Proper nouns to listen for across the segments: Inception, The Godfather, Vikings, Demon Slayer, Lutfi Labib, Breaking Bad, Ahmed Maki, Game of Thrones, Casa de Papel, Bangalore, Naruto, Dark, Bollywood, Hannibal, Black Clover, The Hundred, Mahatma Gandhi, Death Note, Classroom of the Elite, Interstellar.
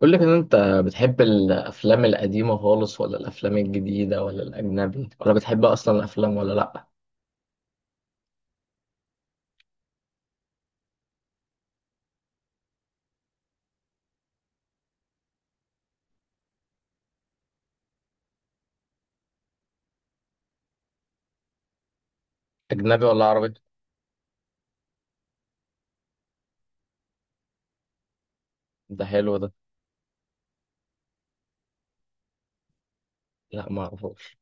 قول لك ان انت بتحب الافلام القديمه خالص، ولا الافلام الجديده، ولا الاجنبي، ولا بتحب اصلا الافلام ولا لا؟ اجنبي ولا عربي؟ ده حلو ده. لا ما اعرفوش.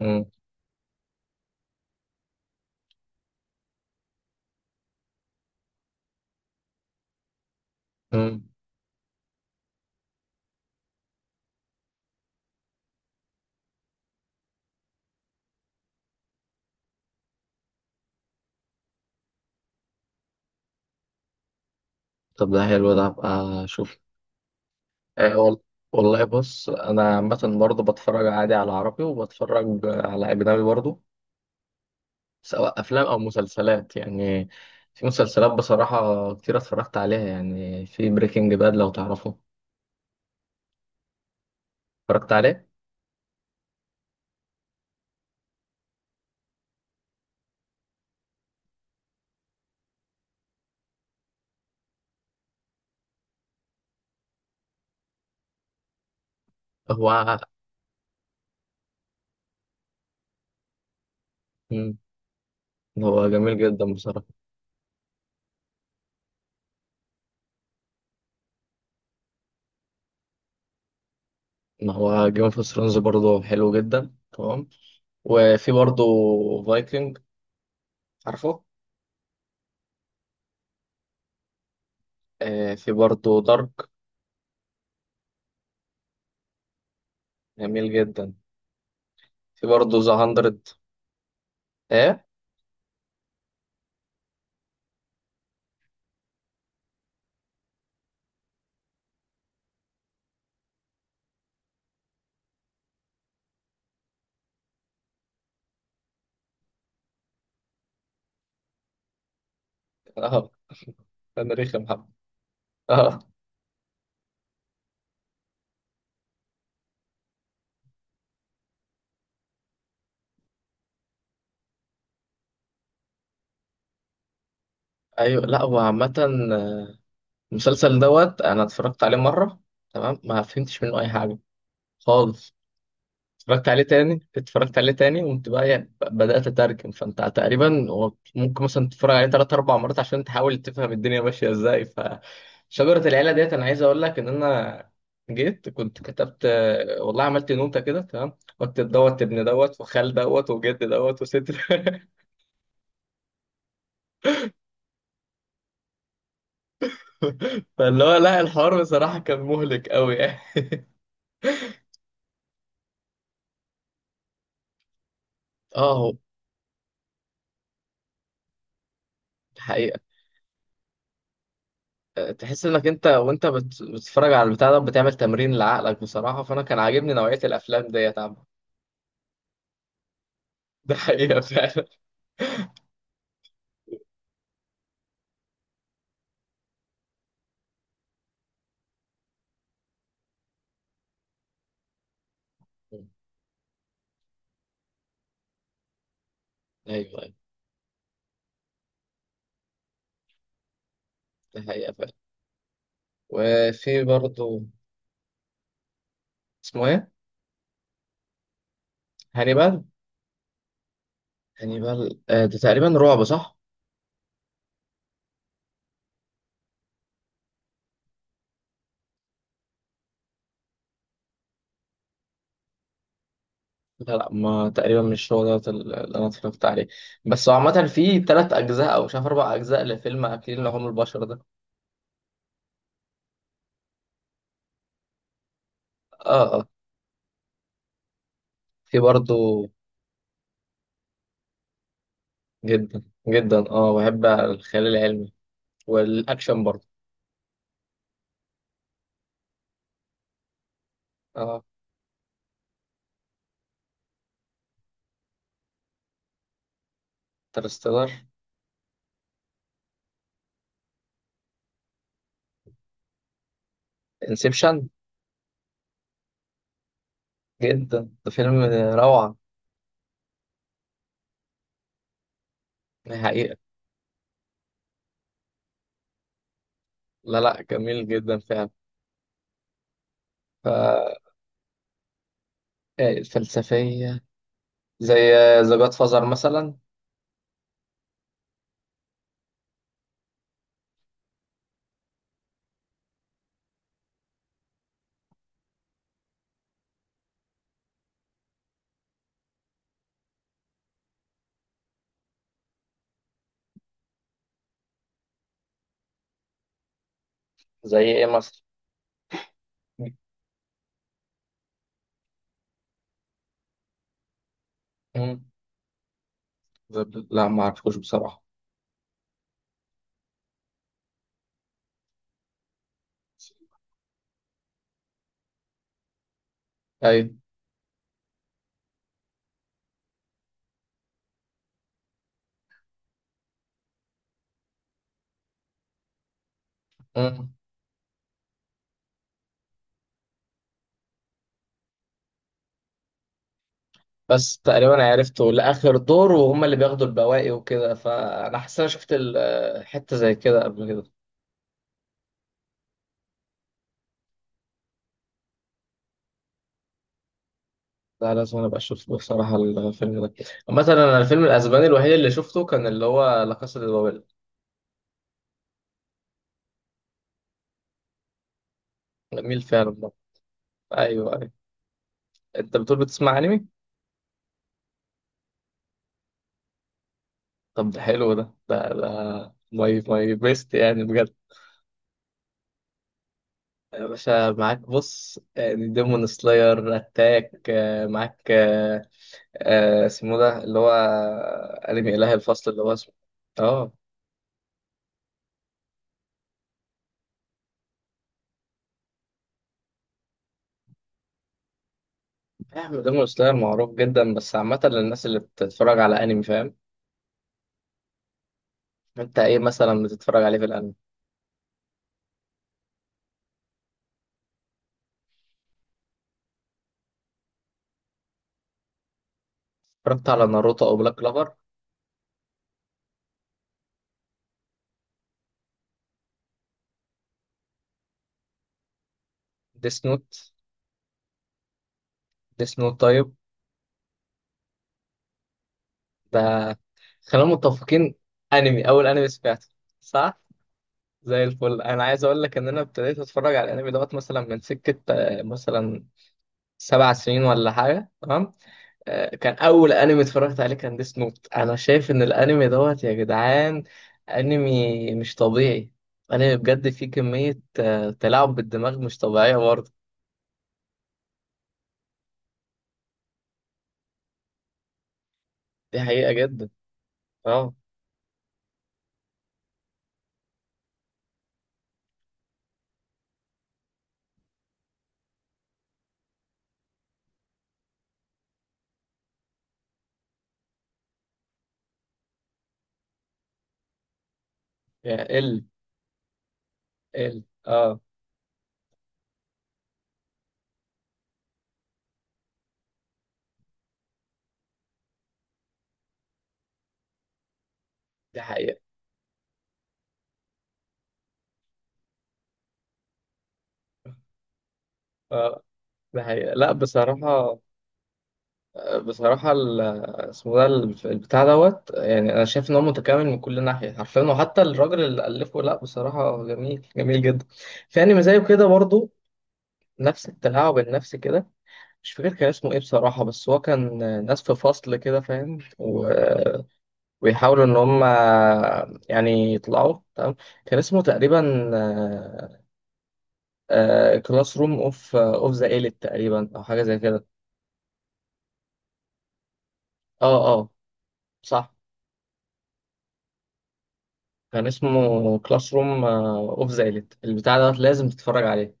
امم. أمم. طب ده حلو ده، هبقى اشوف. أه. والله بص، انا عامه برضه بتفرج عادي على عربي، وبتفرج على اجنبي برضه، سواء افلام او مسلسلات يعني. في مسلسلات بصراحه كتير اتفرجت عليها، يعني في بريكنج باد، لو تعرفه. اتفرجت عليه. هو. أمم. هو جميل جدا بصراحه. ما هو جيم اوف ثرونز برضه حلو جدا، تمام. وفي برضه فايكنج، عارفه؟ آه، في برضه دارك. جميل جدا. في برضه ذا هاندرد. ايه. اه. انا رخم حب. اه. ايوه، لا هو عامة. آه، المسلسل دوت انا اتفرجت عليه مرة، تمام. ما فهمتش منه اي حاجة خالص. اتفرجت عليه تاني، اتفرجت عليه تاني وانت بقى يعني، بدأت اترجم. فانت تقريبا هو ممكن مثلا تتفرج عليه تلات اربع مرات عشان تحاول تفهم الدنيا ماشية ازاي. فشجرة العيلة ديت انا عايز اقول لك ان انا جيت كنت كتبت، والله عملت نوتة كده، تمام. واكتب دوت ابن، دوت وخال، دوت وجد، دوت وست فاللي هو لا، الحوار بصراحة كان مهلك قوي يعني. اه هو حقيقة. تحس انك انت وانت بتتفرج على البتاع ده، بتعمل تمرين لعقلك بصراحة، فانا كان عاجبني نوعية الافلام ديت، عم ده حقيقة فعلا ايوه، ايوه. ده حقيقة فعلا. وفي برضو. اسمه ايه؟ هانيبال. هانيبال، آه، ده تقريبا رعب، صح؟ لا لا، ما تقريبا مش هو دوت اللي انا اتفرجت عليه. بس هو عامة في 3 اجزاء او مش عارف 4 اجزاء لفيلم اكلين لحوم البشر ده. اه اه. في برضو. جدا. جدا، اه بحب الخيال العلمي والاكشن برضو. اه. انترستيلر. انسبشن. جدا، ده فيلم روعة. حقيقة. لا لا، جميل جدا فعلا. ف- الفلسفية زي ذا جاد فازر مثلا. زي ايه مثلا؟ مم. لا ما اعرفوش بصراحة. ايوه. مم. بس تقريبا عرفته لآخر دور، وهم اللي بياخدوا البواقي وكده، فأنا حاسس إن أنا شفت حتة زي كده قبل كده. لا، لازم أنا أبقى أشوف بصراحة الفيلم ده. مثلا أنا الفيلم الأسباني الوحيد اللي شفته كان اللي هو لا كاسا دي بابل. جميل فعلا ده. أيوه أيوه. انت بتقول بتسمع انمي. طب ده حلو ده، ماي بيست يعني بجد. يا باشا معاك، بص يعني ديمون سلاير، اتاك، معاك، اسمه ده اللي هو انمي اله الفصل اللي هو اسمه. اه. فاهم، ديمون سلاير معروف جدا، بس عامة للناس اللي بتتفرج على انمي، فاهم. انت ايه مثلا بتتفرج عليه في الانمي؟ اتفرجت على ناروتو او بلاك كلوفر؟ ديس نوت. ديس نوت، طيب. ده، خلينا متفقين، انمي، اول انمي سمعته. صح. زي الفل. انا عايز اقول لك ان انا ابتديت اتفرج على الانمي دوت مثلا من سكه، مثلا 7 سنين ولا حاجه، تمام. آه، كان اول انمي اتفرجت عليه كان ديس نوت. انا شايف ان الانمي دوت يا جدعان انمي مش طبيعي. انمي بجد فيه كميه، تلاعب بالدماغ مش طبيعيه برضه. دي حقيقه جدا. اه. يا ال ال اه دي حقيقه. اه، دي حقيقه، لا بصراحه. بصراحة اسمه ده البتاع دوت يعني، أنا شايف إن هو متكامل من كل ناحية حرفيا، وحتى الراجل اللي ألفه، لأ بصراحة جميل جميل جدا. في أنمي زيه كده برضه، نفس التلاعب النفسي كده. مش فاكر كان اسمه إيه بصراحة، بس هو كان ناس في فصل كده، فاهم، ويحاولوا إن هم يعني يطلعوا، تمام. كان اسمه تقريبا كلاس روم أوف ذا إيليت، تقريبا أو حاجة زي كده. أه أه. صح. كان اسمه كلاس روم اوف ذا إليت، البتاع ده لازم تتفرج عليه.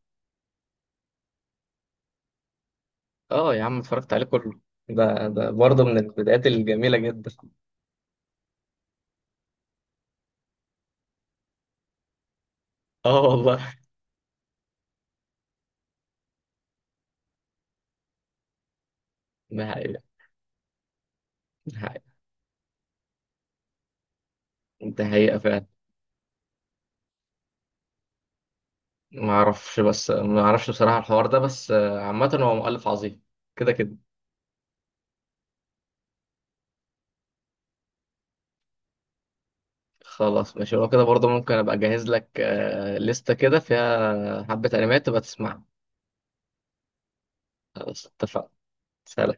اه يا عم، اتفرجت عليه كله. ده برضه من البدايات الجميلة جدا. اه والله. ده حقيقة. ده حقيقة. ده حقيقة فعلا. ما اعرفش، بس ما اعرفش بصراحة الحوار ده بس، عامة هو مؤلف عظيم، كده كده. خلاص، ماشي لو كده. برضه ممكن ابقى اجهز لك، لستة كده فيها حبة انميات تبقى تسمعها. خلاص اتفقنا. سلام.